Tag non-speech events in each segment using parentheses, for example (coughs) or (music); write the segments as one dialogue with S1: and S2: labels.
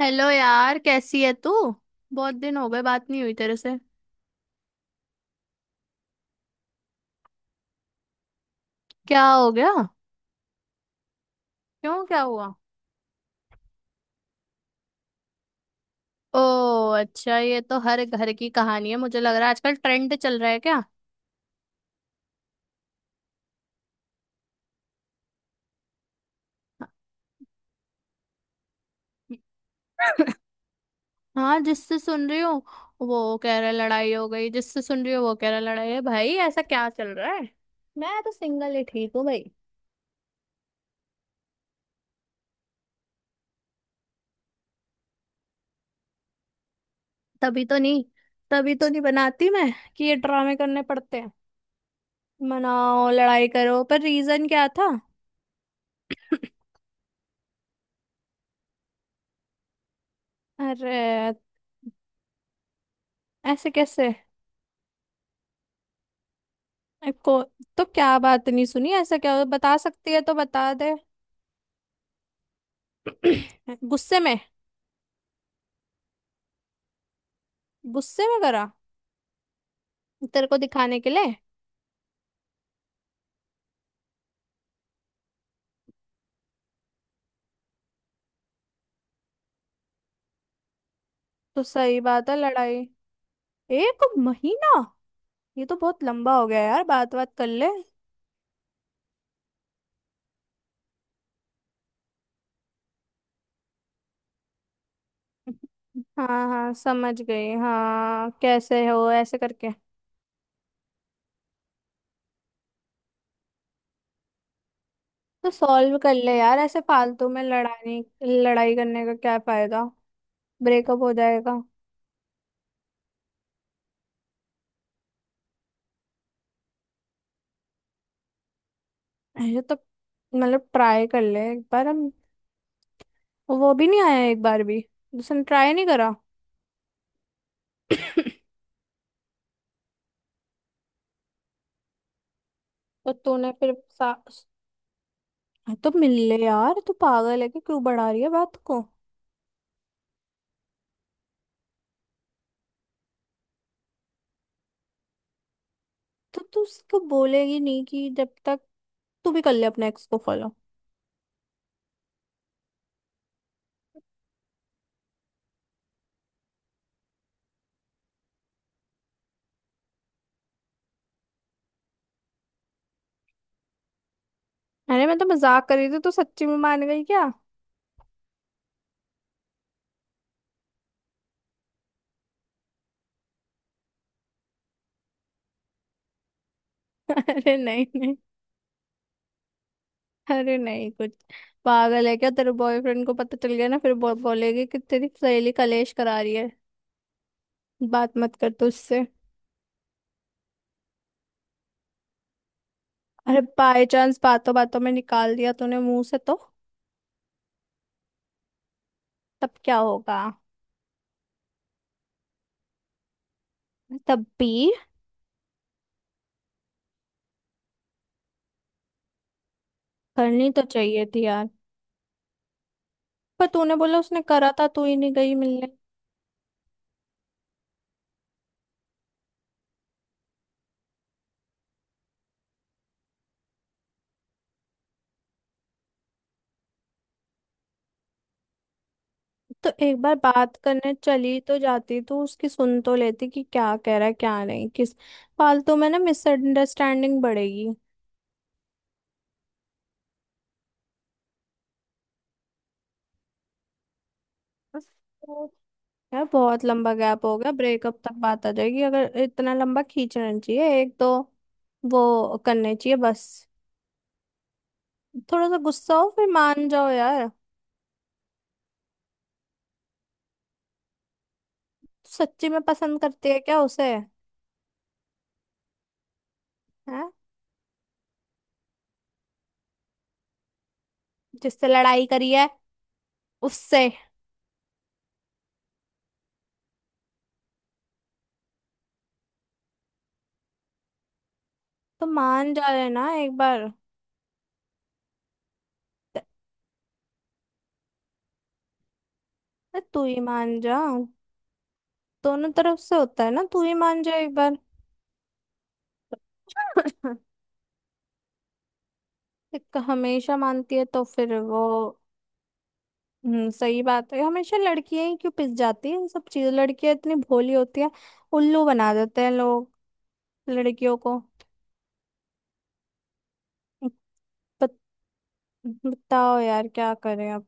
S1: Hello यार, कैसी है तू। बहुत दिन हो गए बात नहीं हुई तेरे से। क्या हो गया। क्यों, क्या हुआ। ओ, अच्छा ये तो हर घर की कहानी है, मुझे लग रहा है आजकल ट्रेंड चल रहा है क्या। हाँ, जिससे सुन रही हूँ वो कह रहा है लड़ाई हो गई, जिससे सुन रही हूँ वो कह रहा है लड़ाई है भाई, ऐसा क्या चल रहा है। मैं तो सिंगल ही ठीक हूँ भाई। तभी तो नहीं तभी तो नहीं बनाती मैं कि ये ड्रामे करने पड़ते हैं। मनाओ, लड़ाई करो, पर रीजन क्या था। (clears throat) अरे, ऐसे कैसे। अरे को, तो क्या बात नहीं सुनी? ऐसा क्या हुआ? बता सकती है तो बता दे। (clears throat) गुस्से में। गुस्से में करा, तेरे को दिखाने के लिए। तो सही बात है लड़ाई। एक महीना, ये तो बहुत लंबा हो गया यार, बात बात कर ले। हाँ हाँ, समझ गई, हाँ कैसे हो ऐसे करके। तो सॉल्व कर ले यार, ऐसे फालतू में लड़ाने। लड़ाई करने का क्या फायदा, ब्रेकअप हो जाएगा। ये तो मतलब ट्राई कर ले एक बार। हम, वो भी नहीं आया एक बार भी, उसने ट्राई नहीं करा। तो तूने फिर सा... हाँ, तो मिल ले यार, तू पागल है कि क्यों बढ़ा रही है बात को। तो तू उसको बोलेगी नहीं कि जब तक। तू भी कर ले अपने एक्स को फॉलो। अरे मैं तो मजाक कर रही थी, तू सच्ची में मान गई क्या। (laughs) अरे नहीं नहीं। अरे नहीं कुछ, पागल है क्या, तेरे बॉयफ्रेंड को पता चल गया ना फिर बोलेगी कि तेरी सहेली कलेश करा रही है, बात मत कर तू उससे। अरे बाय चांस बातों बातों में निकाल दिया तूने मुंह से तो तब क्या होगा। तब भी करनी तो चाहिए थी यार। पर तूने बोला उसने करा था, तू ही नहीं गई मिलने। तो एक बार बात करने चली तो जाती, तो उसकी सुन तो लेती कि क्या कह रहा है क्या नहीं। किस फालतू में ना मिसअंडरस्टैंडिंग बढ़ेगी। बस, तो यार बहुत लंबा गैप हो गया, ब्रेकअप तक बात आ जाएगी अगर, इतना लंबा खींचना नहीं चाहिए एक तो। वो करने चाहिए बस, थोड़ा सा गुस्सा हो फिर मान जाओ यार। सच्ची में पसंद करती है क्या उसे। है, जिससे लड़ाई करी है उससे। तो मान जा रहे ना एक बार। त- अरे तू ही मान जा, दोनों तरफ से होता है ना, तू ही मान जा एक बार। (laughs) एक हमेशा मानती है तो फिर वो। सही बात है, हमेशा लड़कियां ही क्यों पिस जाती है, सब चीज लड़कियां इतनी भोली होती है, उल्लू बना देते हैं लोग लड़कियों को। बत- बताओ यार क्या करें अब।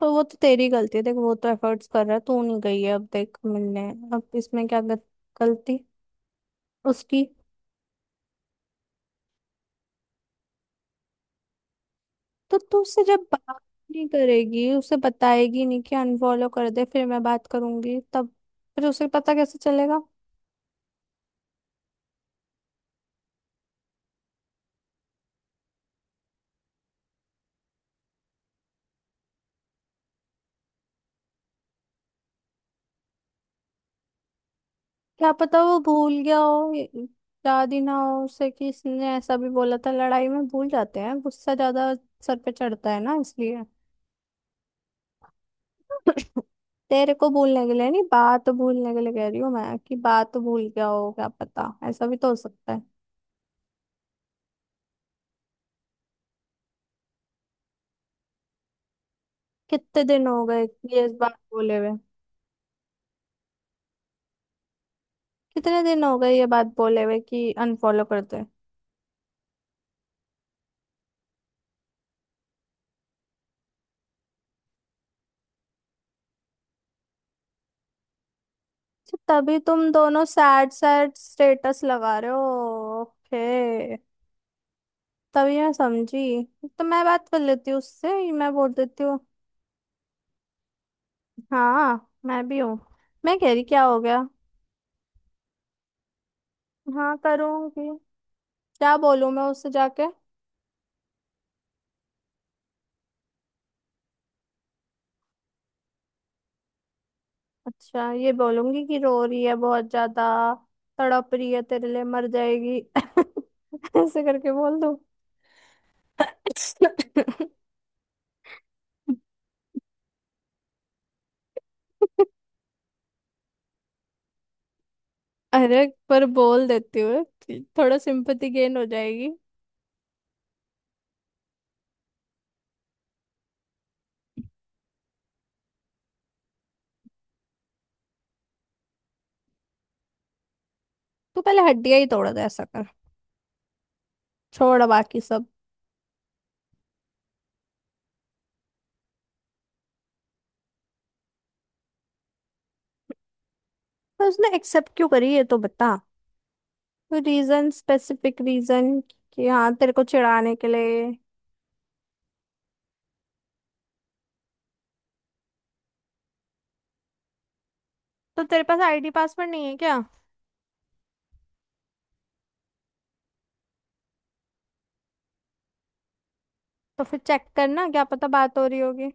S1: तो वो तो तेरी गलती है, देख वो तो एफर्ट्स कर रहा है, तू नहीं गई है अब देख मिलने। अब इसमें क्या गलती उसकी। तो तू उससे जब बात नहीं करेगी, उसे बताएगी नहीं कि अनफॉलो कर दे फिर मैं बात करूंगी, तब फिर उसे पता कैसे चलेगा। क्या पता वो भूल गया हो, याद ही ना हो उसे कि इसने ऐसा भी बोला था, लड़ाई में भूल जाते हैं, गुस्सा ज्यादा सर पे चढ़ता है ना इसलिए। (coughs) तेरे को भूलने के लिए नहीं, बात भूलने के लिए कह रही हूँ मैं, कि बात भूल गया हो क्या पता, ऐसा भी तो हो सकता है। कितने दिन हो गए ये इस बात बोले हुए। कितने दिन हो गए ये बात बोले हुए कि अनफॉलो कर दे। अच्छा, तभी तुम दोनों सैड सैड स्टेटस लगा रहे हो। ओके, तभी मैं समझी। तो मैं बात कर लेती हूँ उससे, मैं बोल देती हूँ। हाँ, मैं भी हूँ। मैं कह रही क्या हो गया। हाँ करूँगी। क्या बोलूँ मैं उससे जाके। अच्छा, ये बोलूंगी कि रो रही है बहुत ज्यादा, तड़प रही है तेरे लिए, मर जाएगी। (laughs) ऐसे करके बोल दूँ। (laughs) अरे पर बोल देती हूँ, थोड़ा सिंपैथी गेन हो जाएगी। तू पहले हड्डियां ही तोड़ दे, ऐसा कर, छोड़ बाकी सब। पर उसने एक्सेप्ट क्यों करी है तो बता, कोई रीजन, स्पेसिफिक रीजन, कि हाँ तेरे को चिढ़ाने के लिए। तो तेरे पास आईडी पासवर्ड नहीं है क्या। तो फिर चेक करना, क्या पता बात हो रही होगी।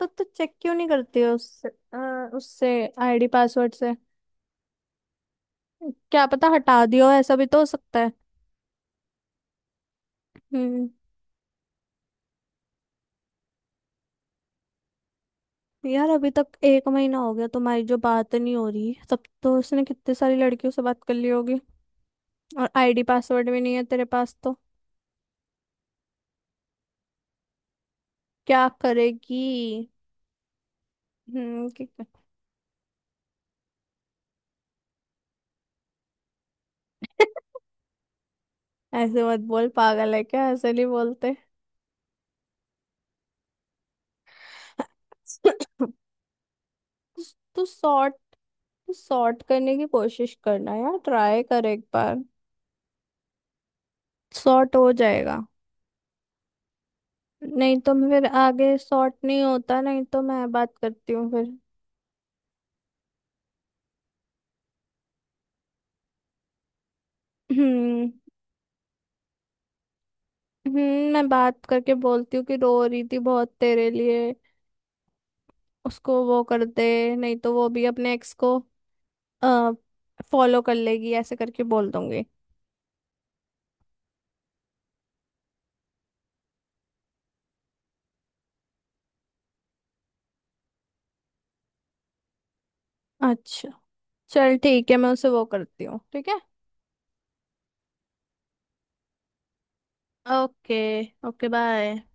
S1: तो तू चेक क्यों नहीं करती है उससे। उससे आईडी पासवर्ड से क्या पता हटा दियो, ऐसा भी तो हो सकता है। हम्म। यार अभी तक एक महीना हो गया तुम्हारी जो बात नहीं हो रही, तब तो उसने कितने सारी लड़कियों से बात कर ली होगी, और आईडी पासवर्ड भी नहीं है तेरे पास तो क्या करेगी। हम्म कि- (laughs) ऐसे मत बोल, पागल है क्या, ऐसे नहीं बोलते। तू सॉर्ट सॉर्ट करने की कोशिश करना यार, ट्राई कर एक बार, सॉर्ट हो जाएगा। नहीं तो मैं फिर, आगे सॉर्ट नहीं होता नहीं तो मैं बात करती हूँ फिर। हम्म। मैं बात करके बोलती हूँ कि रो रही थी बहुत तेरे लिए, उसको वो कर दे नहीं तो वो भी अपने एक्स को फॉलो कर लेगी, ऐसे करके बोल दूंगी। अच्छा चल ठीक है, मैं उसे वो करती हूँ, ठीक है। ओके। Okay bye.